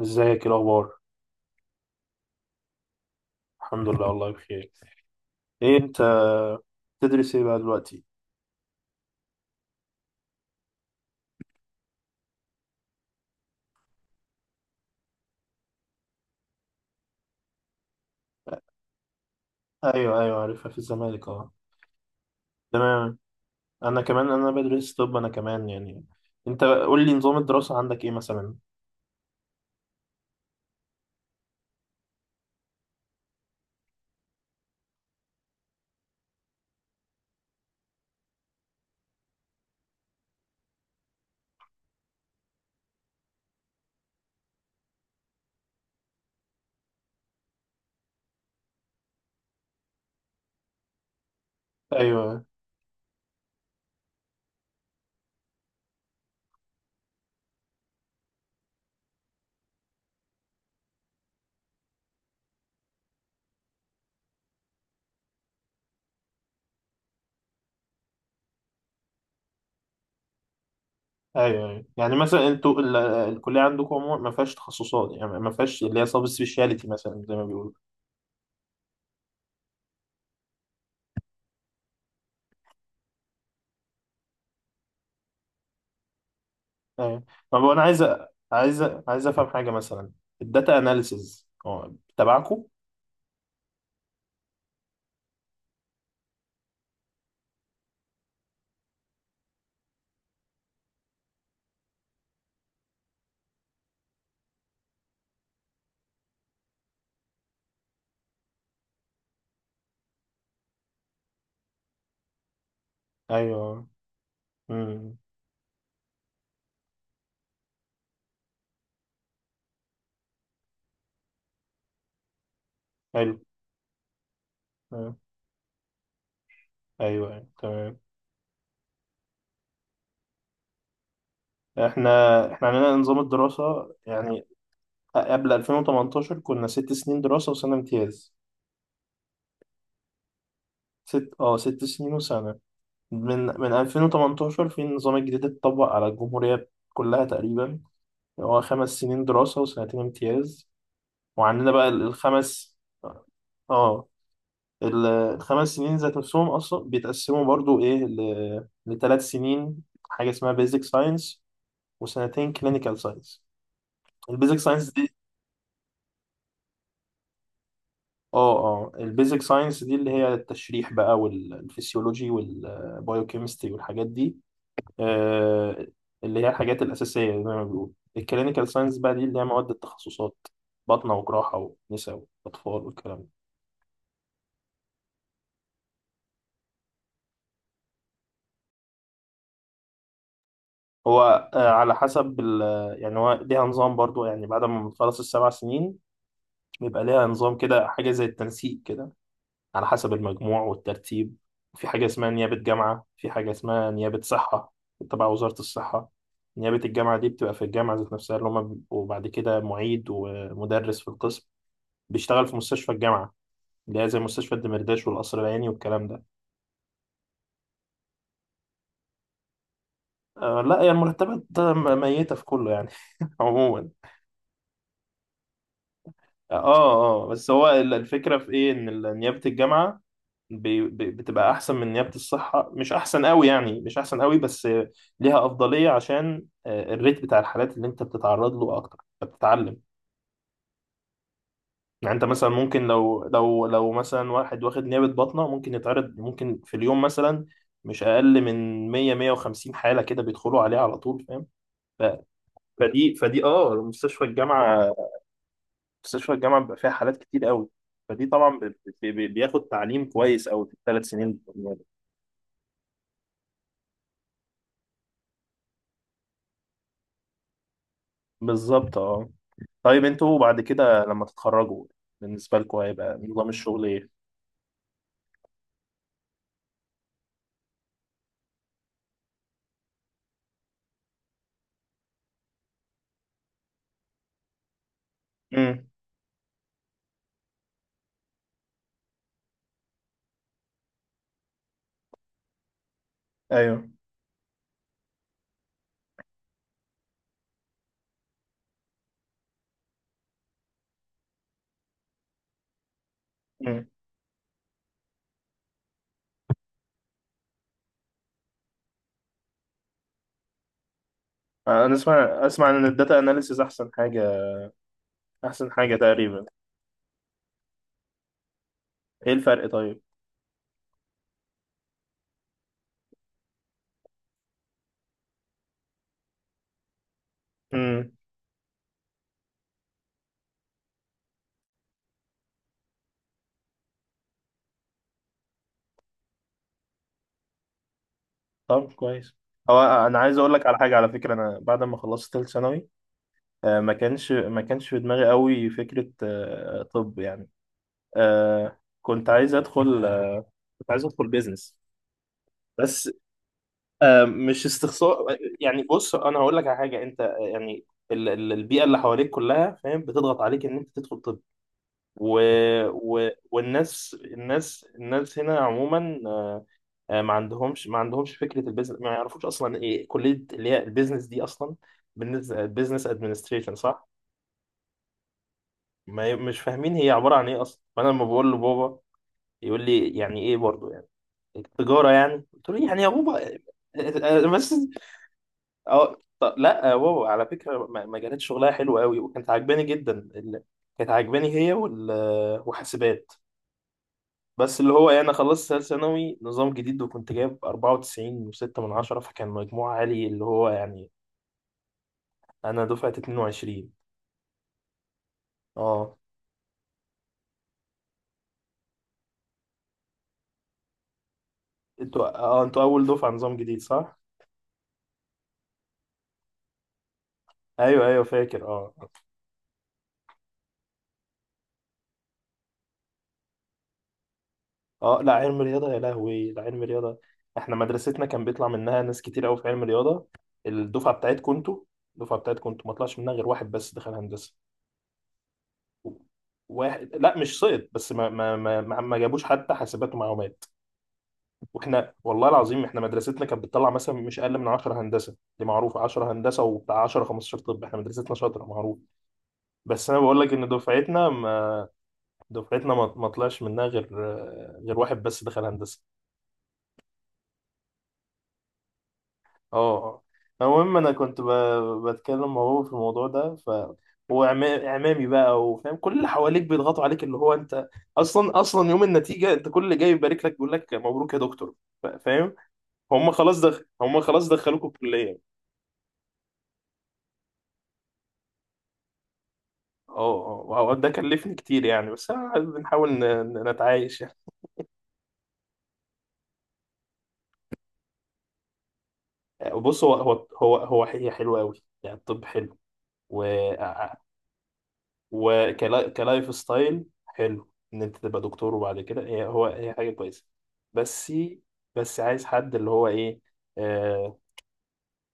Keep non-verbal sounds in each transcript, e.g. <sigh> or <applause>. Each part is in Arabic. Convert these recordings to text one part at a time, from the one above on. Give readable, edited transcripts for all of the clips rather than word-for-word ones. ازيك؟ ايه الاخبار؟ الحمد لله، والله بخير. ايه انت؟ تدرس ايه بقى دلوقتي؟ ايوه، ايوه، عارفها في الزمالك، اه. تمام. انا كمان انا بدرس طب، انا كمان يعني. انت قول لي، نظام الدراسه عندك ايه مثلا؟ ايوه. ايوه، ايوه، يعني مثلا انتوا الكليه عندكم عموما ما فيهاش تخصصات، يعني ما فيهاش اللي هي سبيشاليتي مثلا زي ما بيقولوا. ايوه. طب انا عايز افهم حاجه مثلا، الداتا اناليسز تبعكم. ايوه. امم. حلو. آه. ايوه، أيوة، تمام. احنا احنا عندنا نظام الدراسه يعني، قبل 2018 كنا ست سنين دراسه وسنه امتياز. ست سنين وسنه. من 2018 في النظام الجديد اتطبق على الجمهوريه كلها تقريبا، هو خمس سنين دراسه وسنتين امتياز. وعندنا بقى الخمس. اه. الخمس سنين ذات نفسهم اصلا بيتقسموا برضو ايه لثلاث سنين. حاجه اسمها بيزك ساينس، وسنتين كلينيكال ساينس. البيزك ساينس. اه، اه، البيزك ساينس دي اللي هي التشريح بقى والفسيولوجي والبايوكيمستري والحاجات دي. آه. اللي هي الحاجات الأساسية زي ما بيقولوا. الكلينيكال ساينس بقى دي اللي هي مواد التخصصات، باطنة وجراحة ونساء وأطفال والكلام ده. هو على حسب ال، يعني هو ليها نظام برضو يعني، بعد ما بتخلص السبع سنين بيبقى ليها نظام كده، حاجة زي التنسيق كده، على حسب المجموع والترتيب. في حاجة اسمها نيابة جامعة، في حاجة اسمها نيابة صحة تبع وزارة الصحة. نيابة الجامعة دي بتبقى في الجامعة ذات نفسها، اللي هما بيبقوا بعد كده معيد ومدرس في القسم، بيشتغل في مستشفى الجامعة، اللي هي زي مستشفى الدمرداش والقصر العيني والكلام ده. آه لا، يعني المرتبات ميتة في كله يعني. <laughs> عموما. اه، اه، بس هو الفكرة في ايه، ان نيابة الجامعة بتبقى احسن من نيابة الصحة، مش احسن قوي يعني، مش احسن قوي، بس ليها افضلية، عشان الريت بتاع الحالات اللي انت بتتعرض له اكتر فبتتعلم. يعني انت مثلا ممكن، لو مثلا واحد واخد نيابة بطنة ممكن يتعرض، ممكن في اليوم مثلا مش اقل من 100 150 حالة كده بيدخلوا عليها على طول، فاهم. ف- فدي فدي اه مستشفى الجامعة، مستشفى الجامعة بيبقى فيها حالات كتير قوي. فدي طبعا بياخد تعليم كويس قوي في الثلاث سنين بتوع النيابة. بالظبط، اه. طيب انتوا بعد كده لما تتخرجوا، بالنسبة لكم هيبقى نظام الشغل ايه؟ امم. ايوه. امم. انا اسمع ان الداتا اناليسيز احسن حاجة، احسن حاجة تقريبا. ايه الفرق طيب؟ امم. طب كويس. هو انا عايز اقول لك على حاجة، على فكرة، انا بعد ما خلصت ثالث ثانوي، ما كانش في دماغي قوي فكرة، طب يعني، آه، كنت عايز ادخل آه، كنت عايز ادخل بيزنس، بس مش استخسار. يعني بص انا هقول لك على حاجه، انت يعني البيئه اللي حواليك كلها فاهم بتضغط عليك ان انت تدخل طب. و... و... والناس الناس الناس هنا عموما ما عندهمش فكره البيزنس، ما يعرفوش اصلا ايه كليه اللي هي البيزنس دي اصلا، بالنسبه بيزنس ادمنستريشن، صح؟ ما ي- مش فاهمين هي عباره عن ايه اصلا، فانا لما بقول لبابا يقول لي يعني ايه برضو يعني، تجاره يعني، قلت له يعني يا بابا. <laughs> بس. اه، طب لا، واو، على فكره، مجالات شغلها حلوه قوي، وكانت عجباني جدا ال-، كانت عجباني هي وحاسبات. بس اللي هو إيه، انا خلصت ثالث ثانوي نظام جديد وكنت جايب 94 و6 من 10، فكان مجموع عالي اللي هو يعني، انا دفعه 22. اه. انتوا اول دفعه نظام جديد، صح؟ ايوه، ايوه، فاكر، اه. اه، لا علم رياضة، يا لهوي، لا علم رياضة، احنا مدرستنا كان بيطلع منها ناس كتير قوي في علم رياضة. الدفعة بتاعتكم انتوا الدفعة بتاعتكم انتوا ما طلعش منها غير واحد بس دخل هندسة، واحد، لا مش سقط بس ما جابوش حتى حاسبات ومعلومات. واحنا والله العظيم، احنا مدرستنا كانت بتطلع مثلا مش اقل من 10 هندسة، دي معروفة، 10 هندسة وبتاع، 10 15، طب احنا مدرستنا شاطرة معروف. بس انا بقول لك ان دفعتنا ما طلعش منها غير، غير واحد بس دخل هندسة، اه. اه. المهم انا كنت بتكلم مع بابا في الموضوع ده، ف، هو اعمامي بقى وفاهم كل اللي حواليك بيضغطوا عليك اللي هو انت، اصلا اصلا يوم النتيجه انت كل اللي جاي يبارك لك بيقول لك مبروك يا دكتور، فاهم. هم خلاص دخلوكوا الكليه. اه، اه، وهو ده كلفني كتير يعني، بس أنا بنحاول ن- ن- نتعايش يعني. بص هو هو هو هو هي حلوه قوي يعني، الطب حلو، وكلايف ستايل حلو ان انت تبقى دكتور، وبعد كده هي حاجه كويسه. بس، بس عايز حد، اللي هو ايه، آه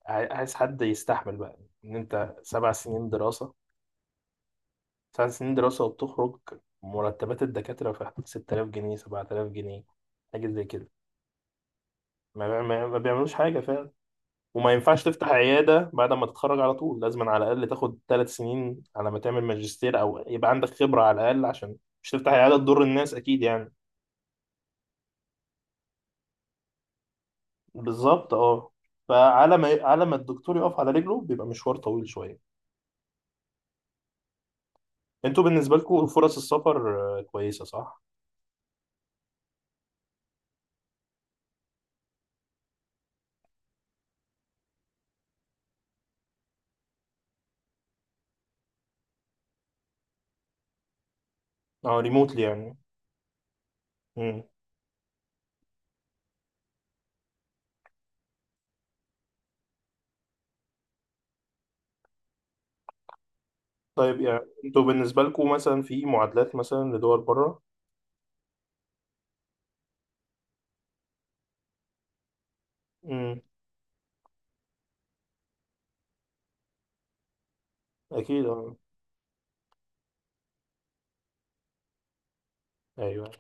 عايز حد يستحمل بقى، ان انت سبع سنين دراسه، سبع سنين دراسه وبتخرج، مرتبات الدكاتره في حدود 6000 جنيه، 7000 جنيه، حاجه زي كده. ما بيعملوش حاجه فعلا، وما ينفعش تفتح عياده بعد ما تتخرج على طول، لازم على الاقل تاخد ثلاث سنين على ما تعمل ماجستير او يبقى عندك خبره على الاقل، عشان مش تفتح عيادة تضر الناس أكيد يعني. بالظبط، اه. فعلى ما الدكتور يقف على رجله بيبقى مشوار طويل شوية. انتوا بالنسبة لكم فرص السفر كويسة، صح؟ اه، ريموتلي يعني. امم. طيب يعني انتوا بالنسبة لكم، مثلا في معادلات مثلا لدول بره؟ امم. اكيد، اه. ايوه.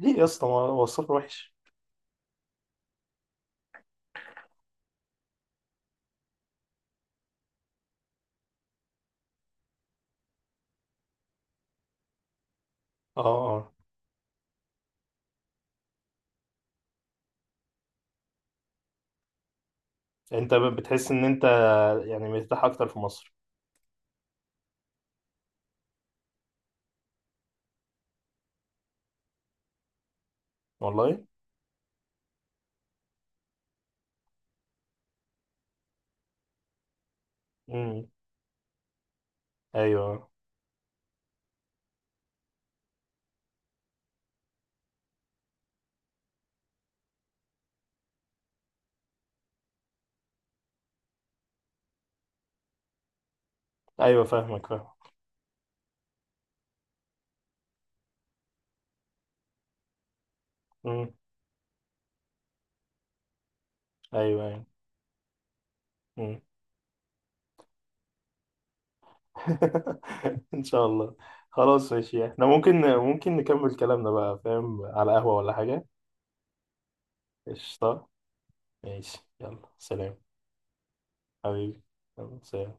ليه يا اسطى؟ ما هو السفر وحش؟ اه. اه. انت بتحس ان انت يعني مرتاح اكتر في مصر. والله؟ امم. ايوه، ايوه، فاهمك، فاهم. امم. ايوه، ايوه. مم. <laughs> ان شاء الله. خلاص، ماشي، احنا ممكن نكمل كلامنا بقى فاهم، على قهوة ولا حاجة؟ قشطة. ماشي، يلا سلام. حبيبي. يلا سلام.